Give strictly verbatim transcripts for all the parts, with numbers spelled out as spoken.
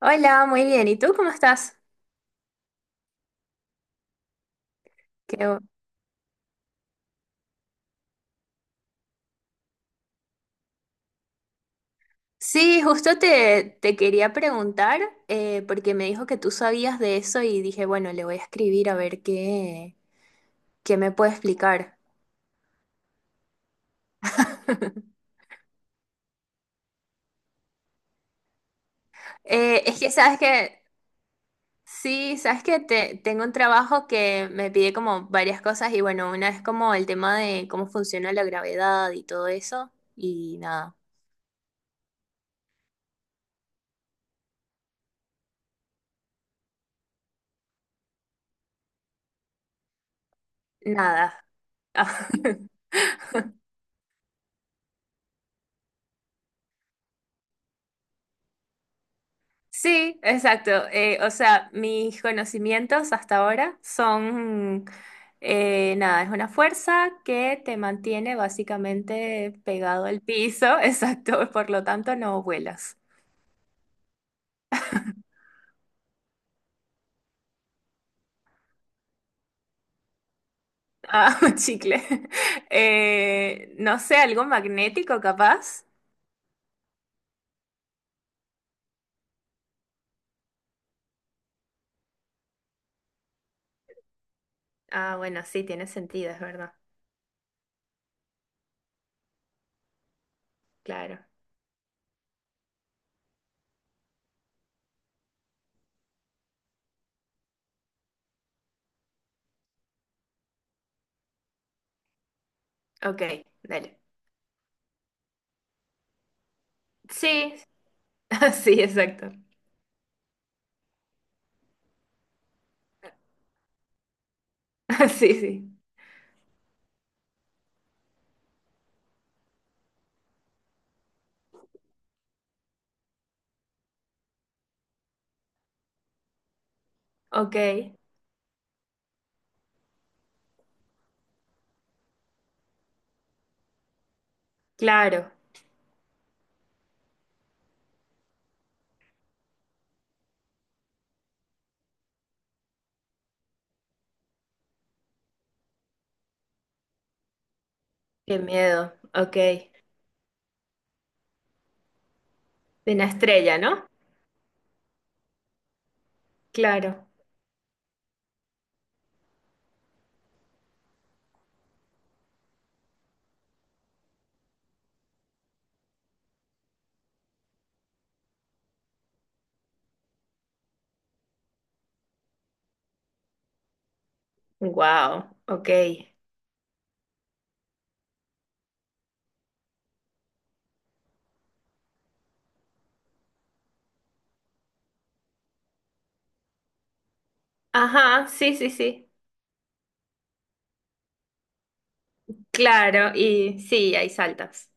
Hola, muy bien. ¿Y tú cómo estás? Qué bu- Sí, justo te, te quería preguntar, eh, porque me dijo que tú sabías de eso y dije, bueno, le voy a escribir a ver qué, qué me puede explicar. Eh, es que sabes que, sí, sabes que te, tengo un trabajo que me pide como varias cosas y bueno, una es como el tema de cómo funciona la gravedad y todo eso y nada, nada. Sí, exacto. Eh, o sea, mis conocimientos hasta ahora son, eh, nada, es una fuerza que te mantiene básicamente pegado al piso, exacto, por lo tanto no vuelas. Ah, chicle. Eh, no sé, algo magnético capaz. Ah, bueno, sí, tiene sentido, es verdad. Claro. Ok, dale. Sí, sí, exacto. Sí, sí. Ok, claro. Qué miedo. Ok. De una estrella, ¿no? Claro. Wow, ok. Ajá, sí, sí, sí. Claro, y sí, hay saltas.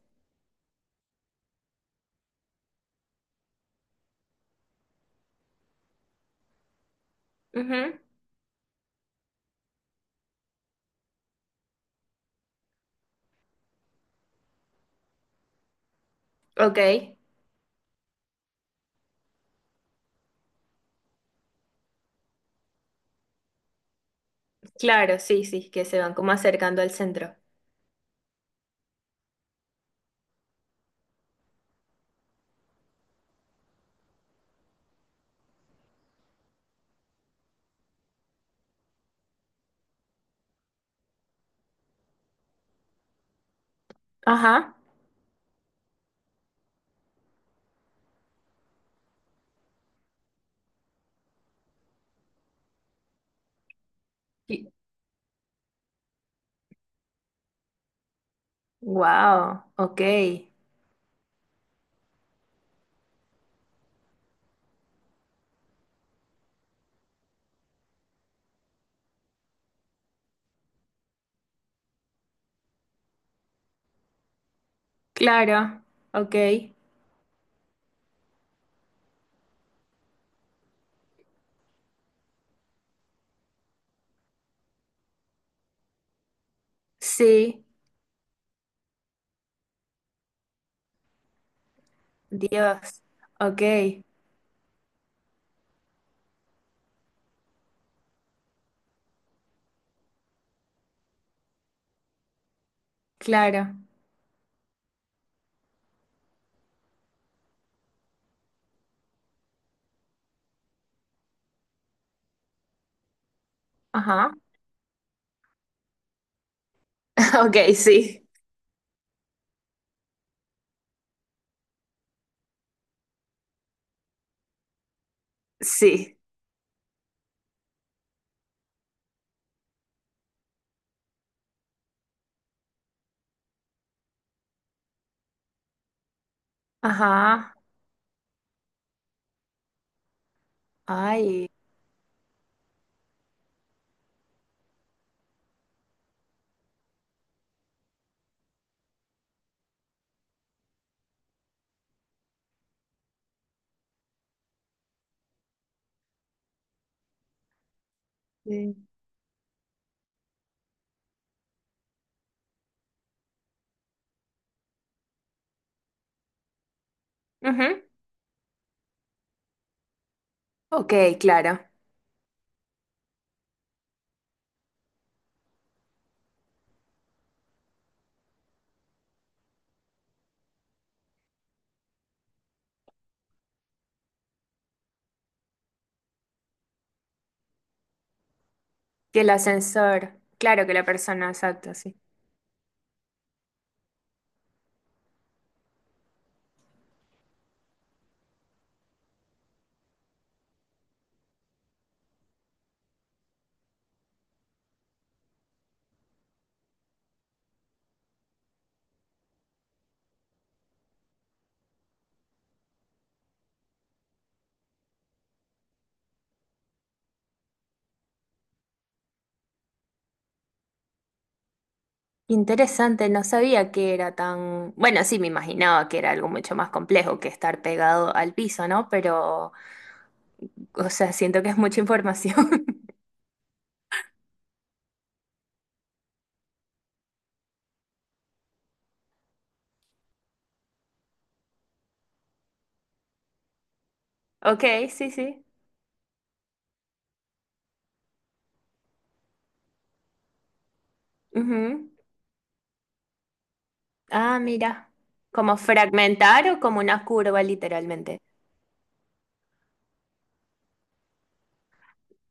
Ujú. Ok, claro, sí, sí, que se van como acercando al centro. Ajá. Wow, ok. Claro, ok. Sí, Dios. Ok, claro. Ajá. Ok, sí, sí. Ajá. Ay. Sí. Ujú. Ok, claro. Que el ascensor, claro que la persona, exacto, sí. Interesante, no sabía que era tan... Bueno, sí, me imaginaba que era algo mucho más complejo que estar pegado al piso, ¿no? Pero, o sea, siento que es mucha información. Ok, sí, sí. Ujú. Ah, mira. Como fragmentar o como una curva, literalmente.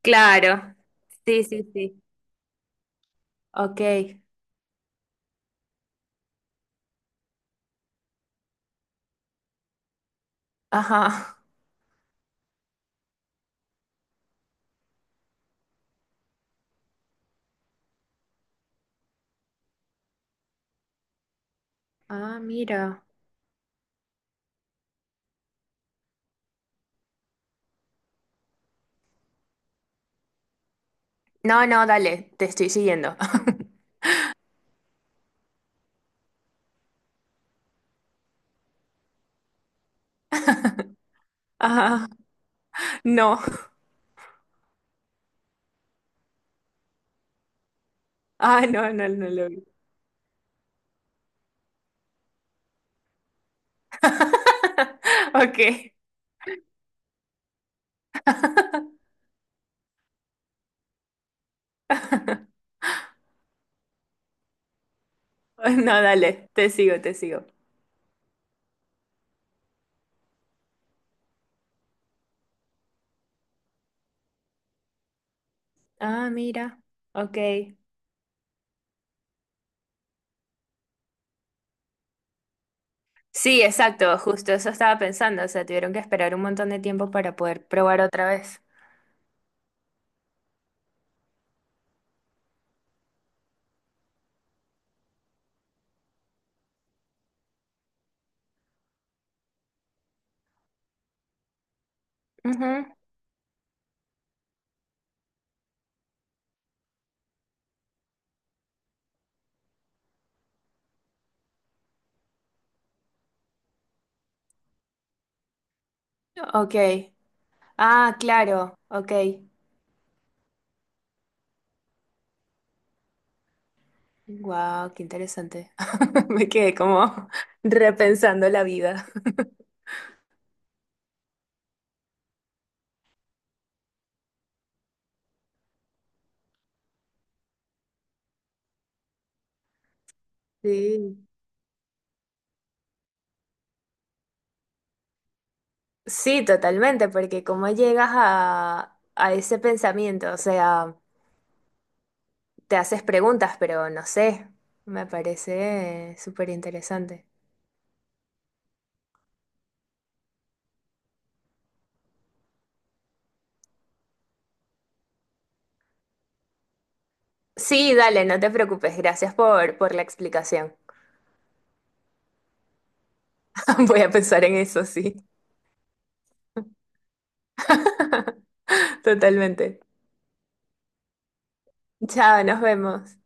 Claro. Sí, sí, sí. Ok. Ajá. Ah, mira. No, no, dale, te estoy siguiendo. Ajá. No. Ah, no, no, no lo vi. Ok. No, dale, te sigo, te sigo. Ah, mira. Ok. Sí, exacto, justo eso estaba pensando. O sea, tuvieron que esperar un montón de tiempo para poder probar otra vez. Ujú. Ok. Ah, claro. Ok. Wow, qué interesante. Me quedé como repensando la vida. Sí. Sí, totalmente, porque cómo llegas a, a ese pensamiento, o sea, te haces preguntas, pero no sé, me parece eh, súper interesante. Sí, dale, no te preocupes, gracias por, por la explicación. Voy a pensar en eso, sí. Totalmente. Chao, nos vemos.